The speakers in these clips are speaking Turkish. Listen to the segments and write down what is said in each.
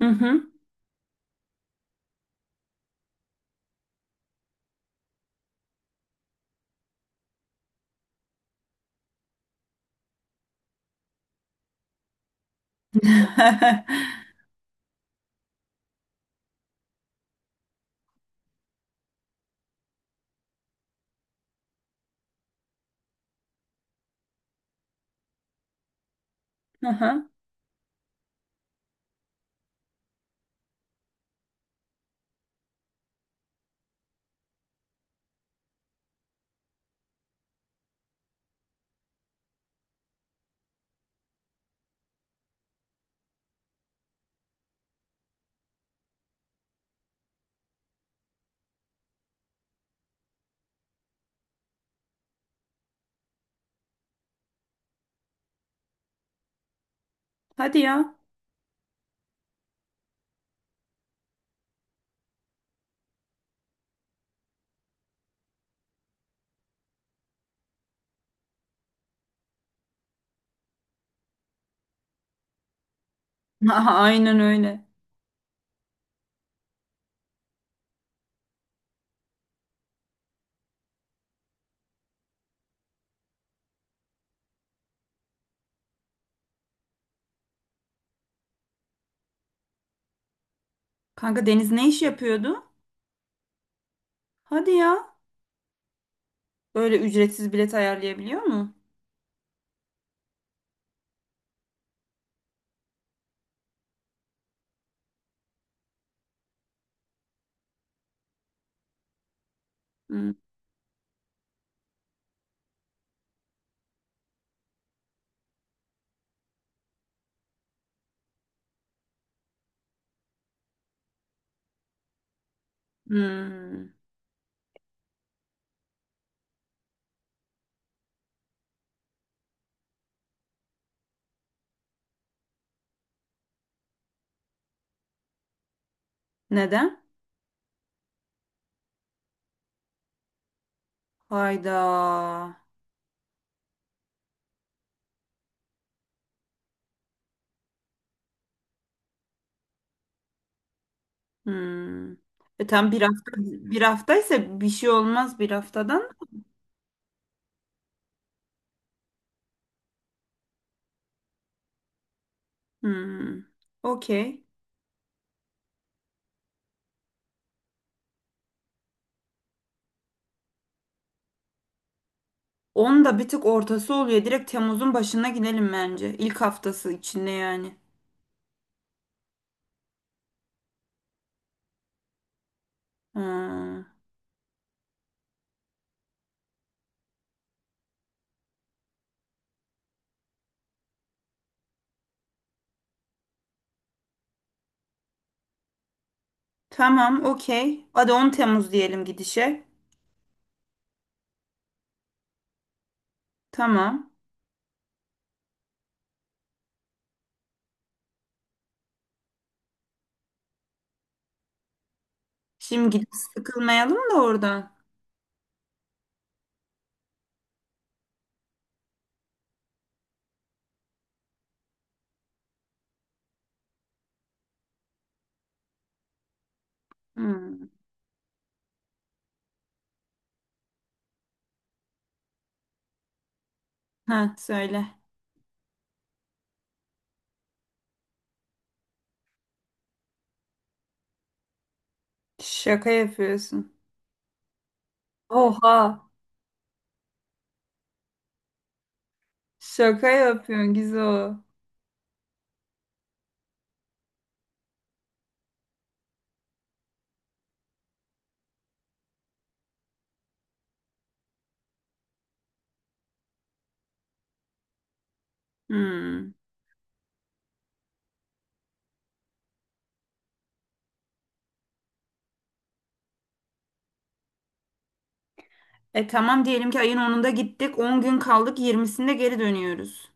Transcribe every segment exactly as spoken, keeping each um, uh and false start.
Hı hı. Hı. Hadi ya. Aha, aynen öyle. Kanka Deniz ne iş yapıyordu? Hadi ya. Böyle ücretsiz bilet ayarlayabiliyor mu? Hı. Hmm. Neden? Hayda. Hmm. E tam bir hafta bir haftaysa bir şey olmaz bir haftadan. Hmm. Okey. Onun da bir tık ortası oluyor. Direkt Temmuz'un başına gidelim bence. İlk haftası içinde yani. Hmm. Tamam, okey. Hadi on Temmuz diyelim gidişe. Tamam. Şimdi gidip sıkılmayalım da oradan. Hmm. Ha, söyle. Şaka yapıyorsun. Oha. Şaka yapıyorsun Gizo. Hmm. E tamam diyelim ki ayın onunda gittik. On gün kaldık. Yirmisinde geri dönüyoruz.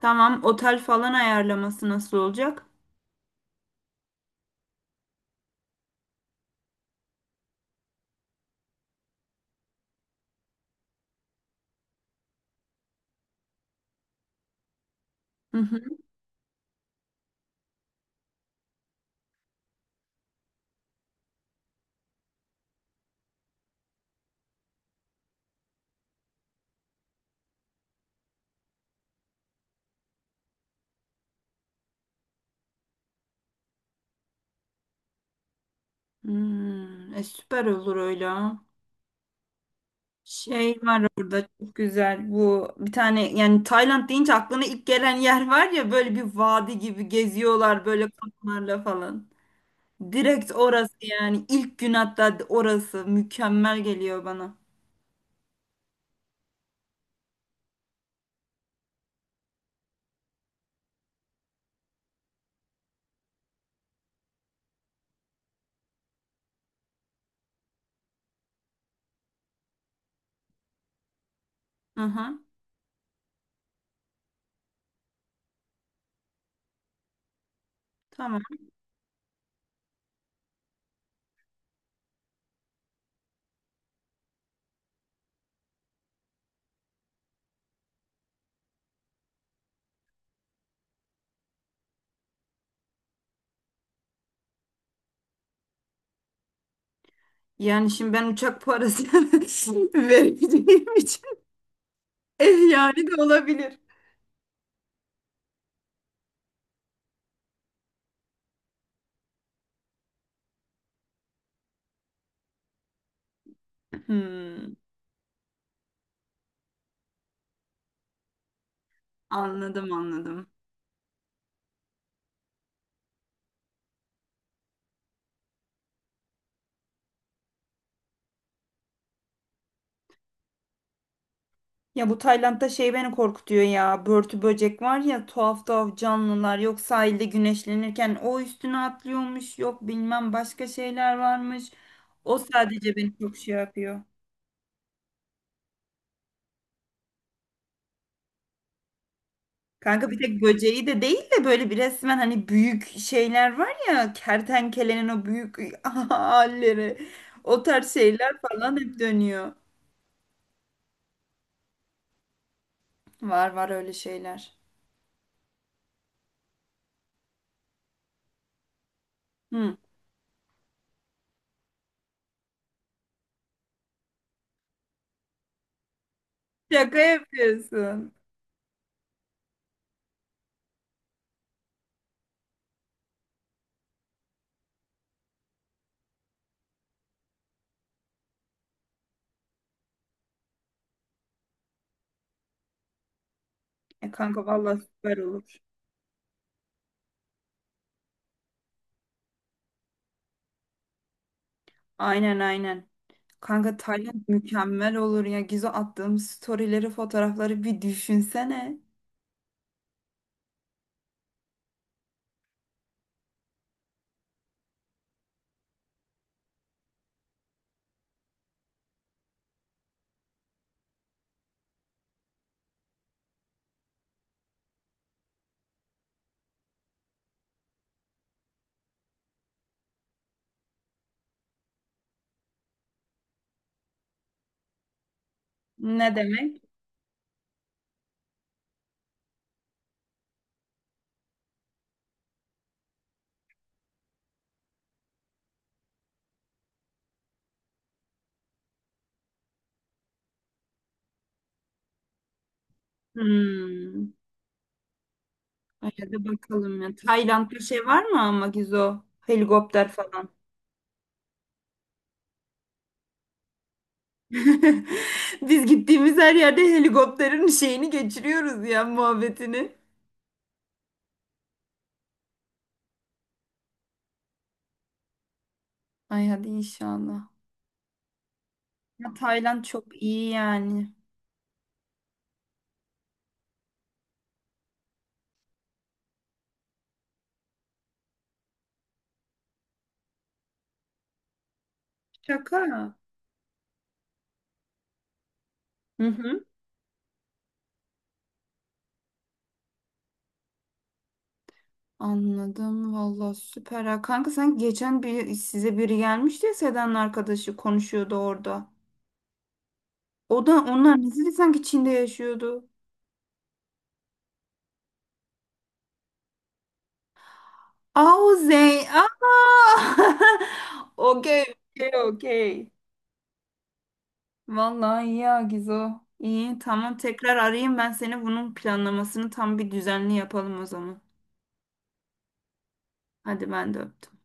Tamam. Otel falan ayarlaması nasıl olacak? Hı hı. Hmm. E süper olur öyle. Şey var orada çok güzel bu bir tane yani Tayland deyince aklına ilk gelen yer var ya, böyle bir vadi gibi geziyorlar böyle kamplarla falan. Direkt orası yani, ilk gün hatta orası mükemmel geliyor bana. Aha, tamam. Yani şimdi ben uçak parası vereceğim için ev yani de olabilir. Hmm, anladım anladım. Ya bu Tayland'da şey beni korkutuyor ya. Börtü böcek var ya, tuhaf tuhaf canlılar. Yok sahilde güneşlenirken o üstüne atlıyormuş. Yok bilmem başka şeyler varmış. O sadece beni çok şey yapıyor. Kanka bir tek böceği de değil de böyle bir resmen hani büyük şeyler var ya, kertenkelenin o büyük halleri. O tarz şeyler falan hep dönüyor. Var var öyle şeyler. Hı. Şaka yapıyorsun. E kanka vallahi süper olur. Aynen aynen. Kanka Tayland mükemmel olur ya. Gizo attığım storyleri, fotoğrafları bir düşünsene. Ne demek? Hmm. Ay, hadi bakalım ya. Tayland'da şey var mı ama Gizo? Helikopter falan. Biz gittiğimiz her yerde helikopterin şeyini geçiriyoruz ya, muhabbetini. Ay hadi inşallah. Ya Tayland çok iyi yani. Şaka. Hı hı. Anladım. Vallahi süper. Ha. Kanka sen geçen bir size biri gelmişti ya, Seda'nın arkadaşı konuşuyordu orada. O da onlar nasıl sanki Çin'de yaşıyordu. Aa o Zey. Aa. Okey. Okey. Okey. Vallahi iyi ya Gizo. İyi tamam, tekrar arayayım ben seni, bunun planlamasını tam bir düzenli yapalım o zaman. Hadi ben de öptüm.